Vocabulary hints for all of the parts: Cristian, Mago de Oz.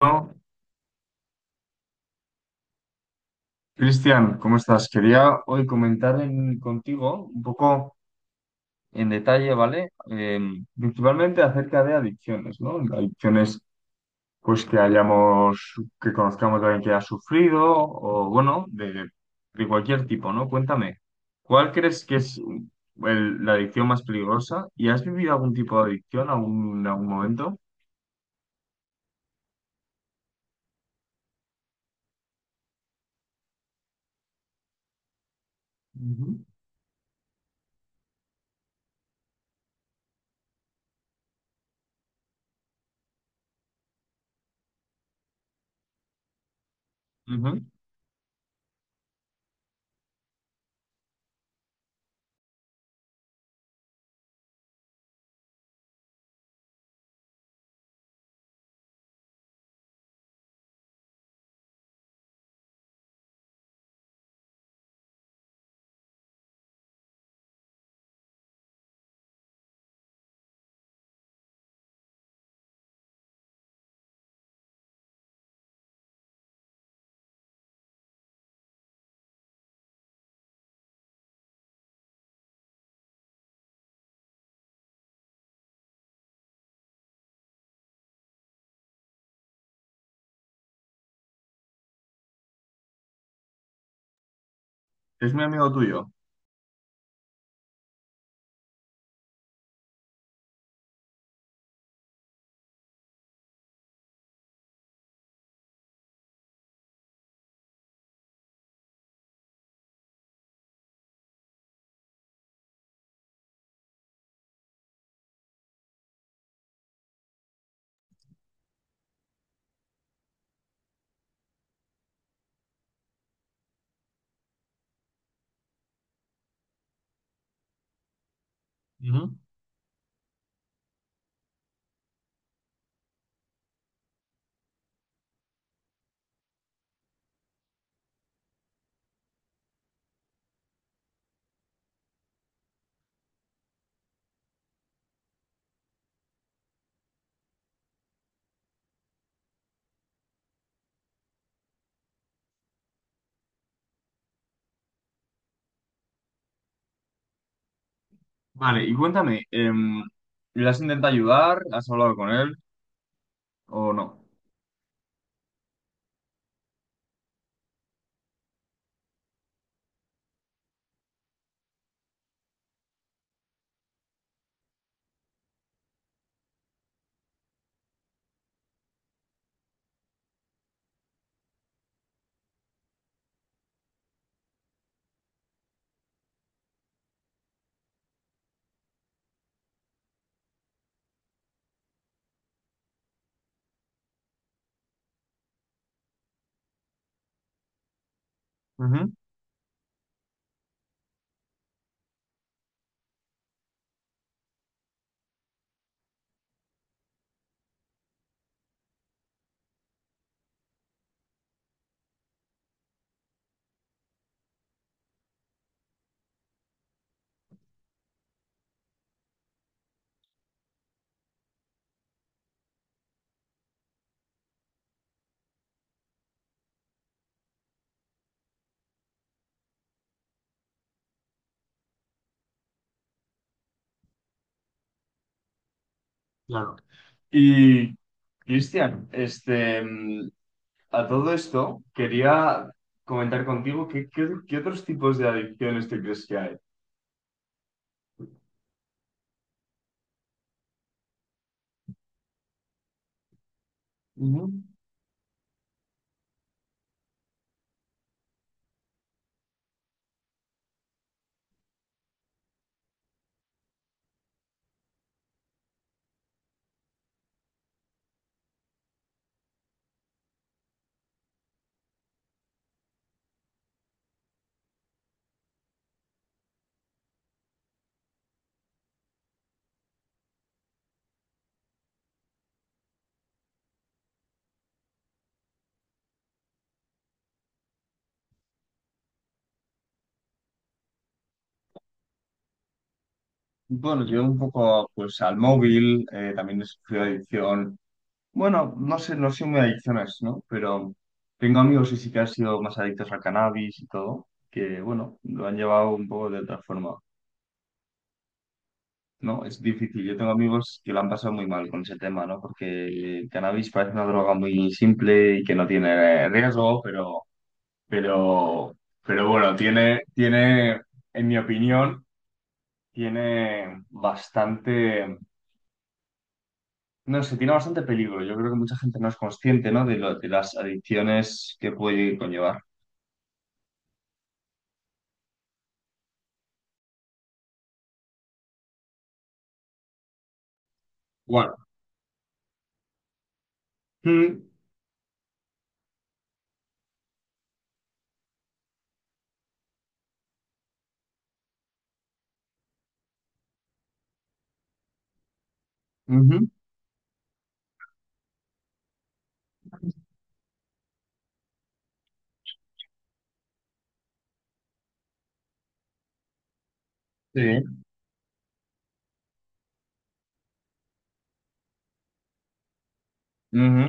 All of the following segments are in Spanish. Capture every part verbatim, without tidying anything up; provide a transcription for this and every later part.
Bueno, Cristian, ¿cómo estás? Quería hoy comentar en- contigo un poco en detalle, ¿vale? Eh, principalmente acerca de adicciones, ¿no? Adicciones, pues que hayamos, que conozcamos a alguien que ha sufrido, o bueno, de, de cualquier tipo, ¿no? Cuéntame, ¿cuál crees que es el- la adicción más peligrosa? ¿Y has vivido algún tipo de adicción algún- en algún momento? Ujú. Ujú. Es mi amigo tuyo. Vale, y cuéntame, em, ¿le has intentado ayudar? ¿Has hablado con él o no? Ujú, claro. Y, Cristian, este, mm, a todo esto quería comentar contigo qué, qué, qué otros tipos de adicciones te crees que hay. Ujú. Bueno, yo un poco pues al móvil, eh, también he sufrido adicción. Bueno, no sé, no soy muy adicciones, ¿no? Pero tengo amigos que sí, que han sido más adictos al cannabis y todo, que bueno, lo han llevado un poco de otra forma. No, es difícil. Yo tengo amigos que lo han pasado muy mal con ese tema, ¿no? Porque el cannabis parece una droga muy simple y que no tiene riesgo, pero, pero, pero bueno, tiene, tiene, en mi opinión, tiene bastante, no sé, tiene bastante peligro. Yo creo que mucha gente no es consciente, ¿no? De lo, de las adicciones que puede conllevar. Bueno. Mm, ujú, sí. Ujú,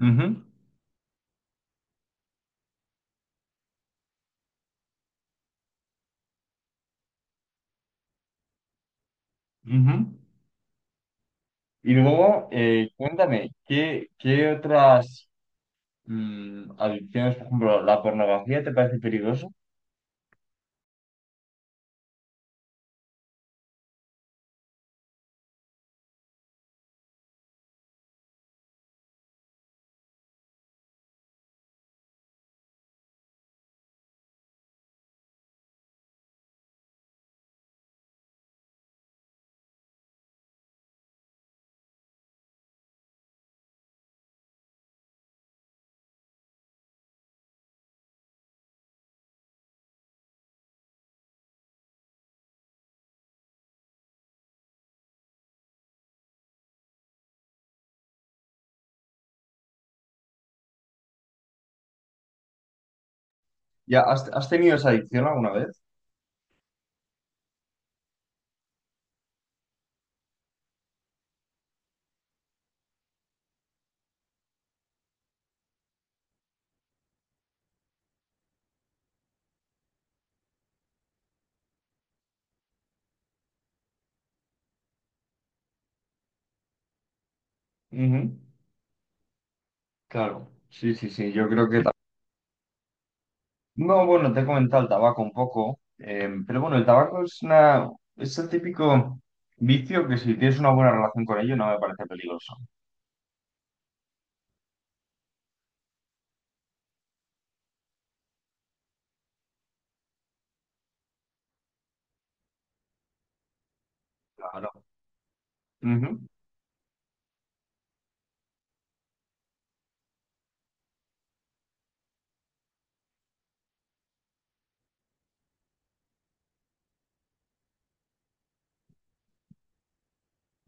ujú, ujú. Y luego, eh, cuéntame, ¿qué, qué otras mm, adicciones? Por ejemplo, ¿la pornografía te parece peligrosa? ¿Ya has, has tenido esa adicción alguna vez? Ujú. Claro, sí, sí, sí, yo creo que... ta- No, bueno, te he comentado el tabaco un poco, em, pero bueno, el tabaco es una... es el típico vicio que si tienes una buena relación con ello no me parece peligroso. Claro. Ujú.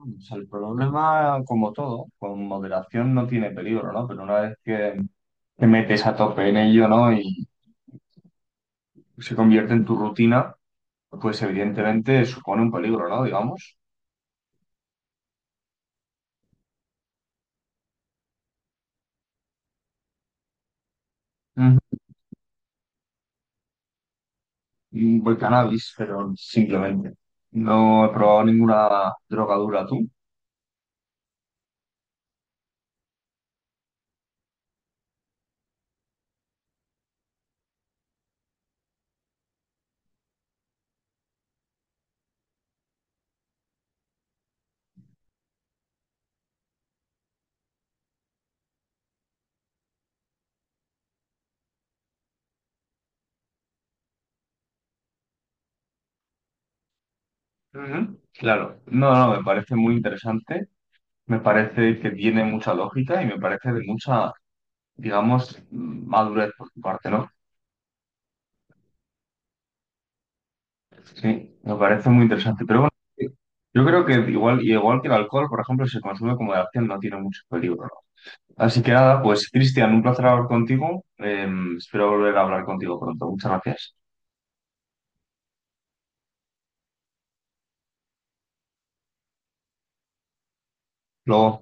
O sea, el problema, como todo, con moderación no tiene peligro, ¿no? Pero una vez que te metes a tope en ello, ¿no? Y se convierte en tu rutina, pues evidentemente supone un peligro, ¿no? Digamos. Ujú. Mm, voy cannabis, pero simplemente. No he probado ninguna droga dura tú. Ujú. Claro, no, no, me parece muy interesante, me parece que tiene mucha lógica y me parece de mucha, digamos, madurez por tu parte, ¿no? Sí, me parece muy interesante, pero bueno, yo creo que igual, igual que el alcohol, por ejemplo, si se consume como de acción no tiene mucho peligro, ¿no? Así que nada, pues Cristian, un placer hablar contigo. Em, espero volver a hablar contigo pronto. Muchas gracias. Luego.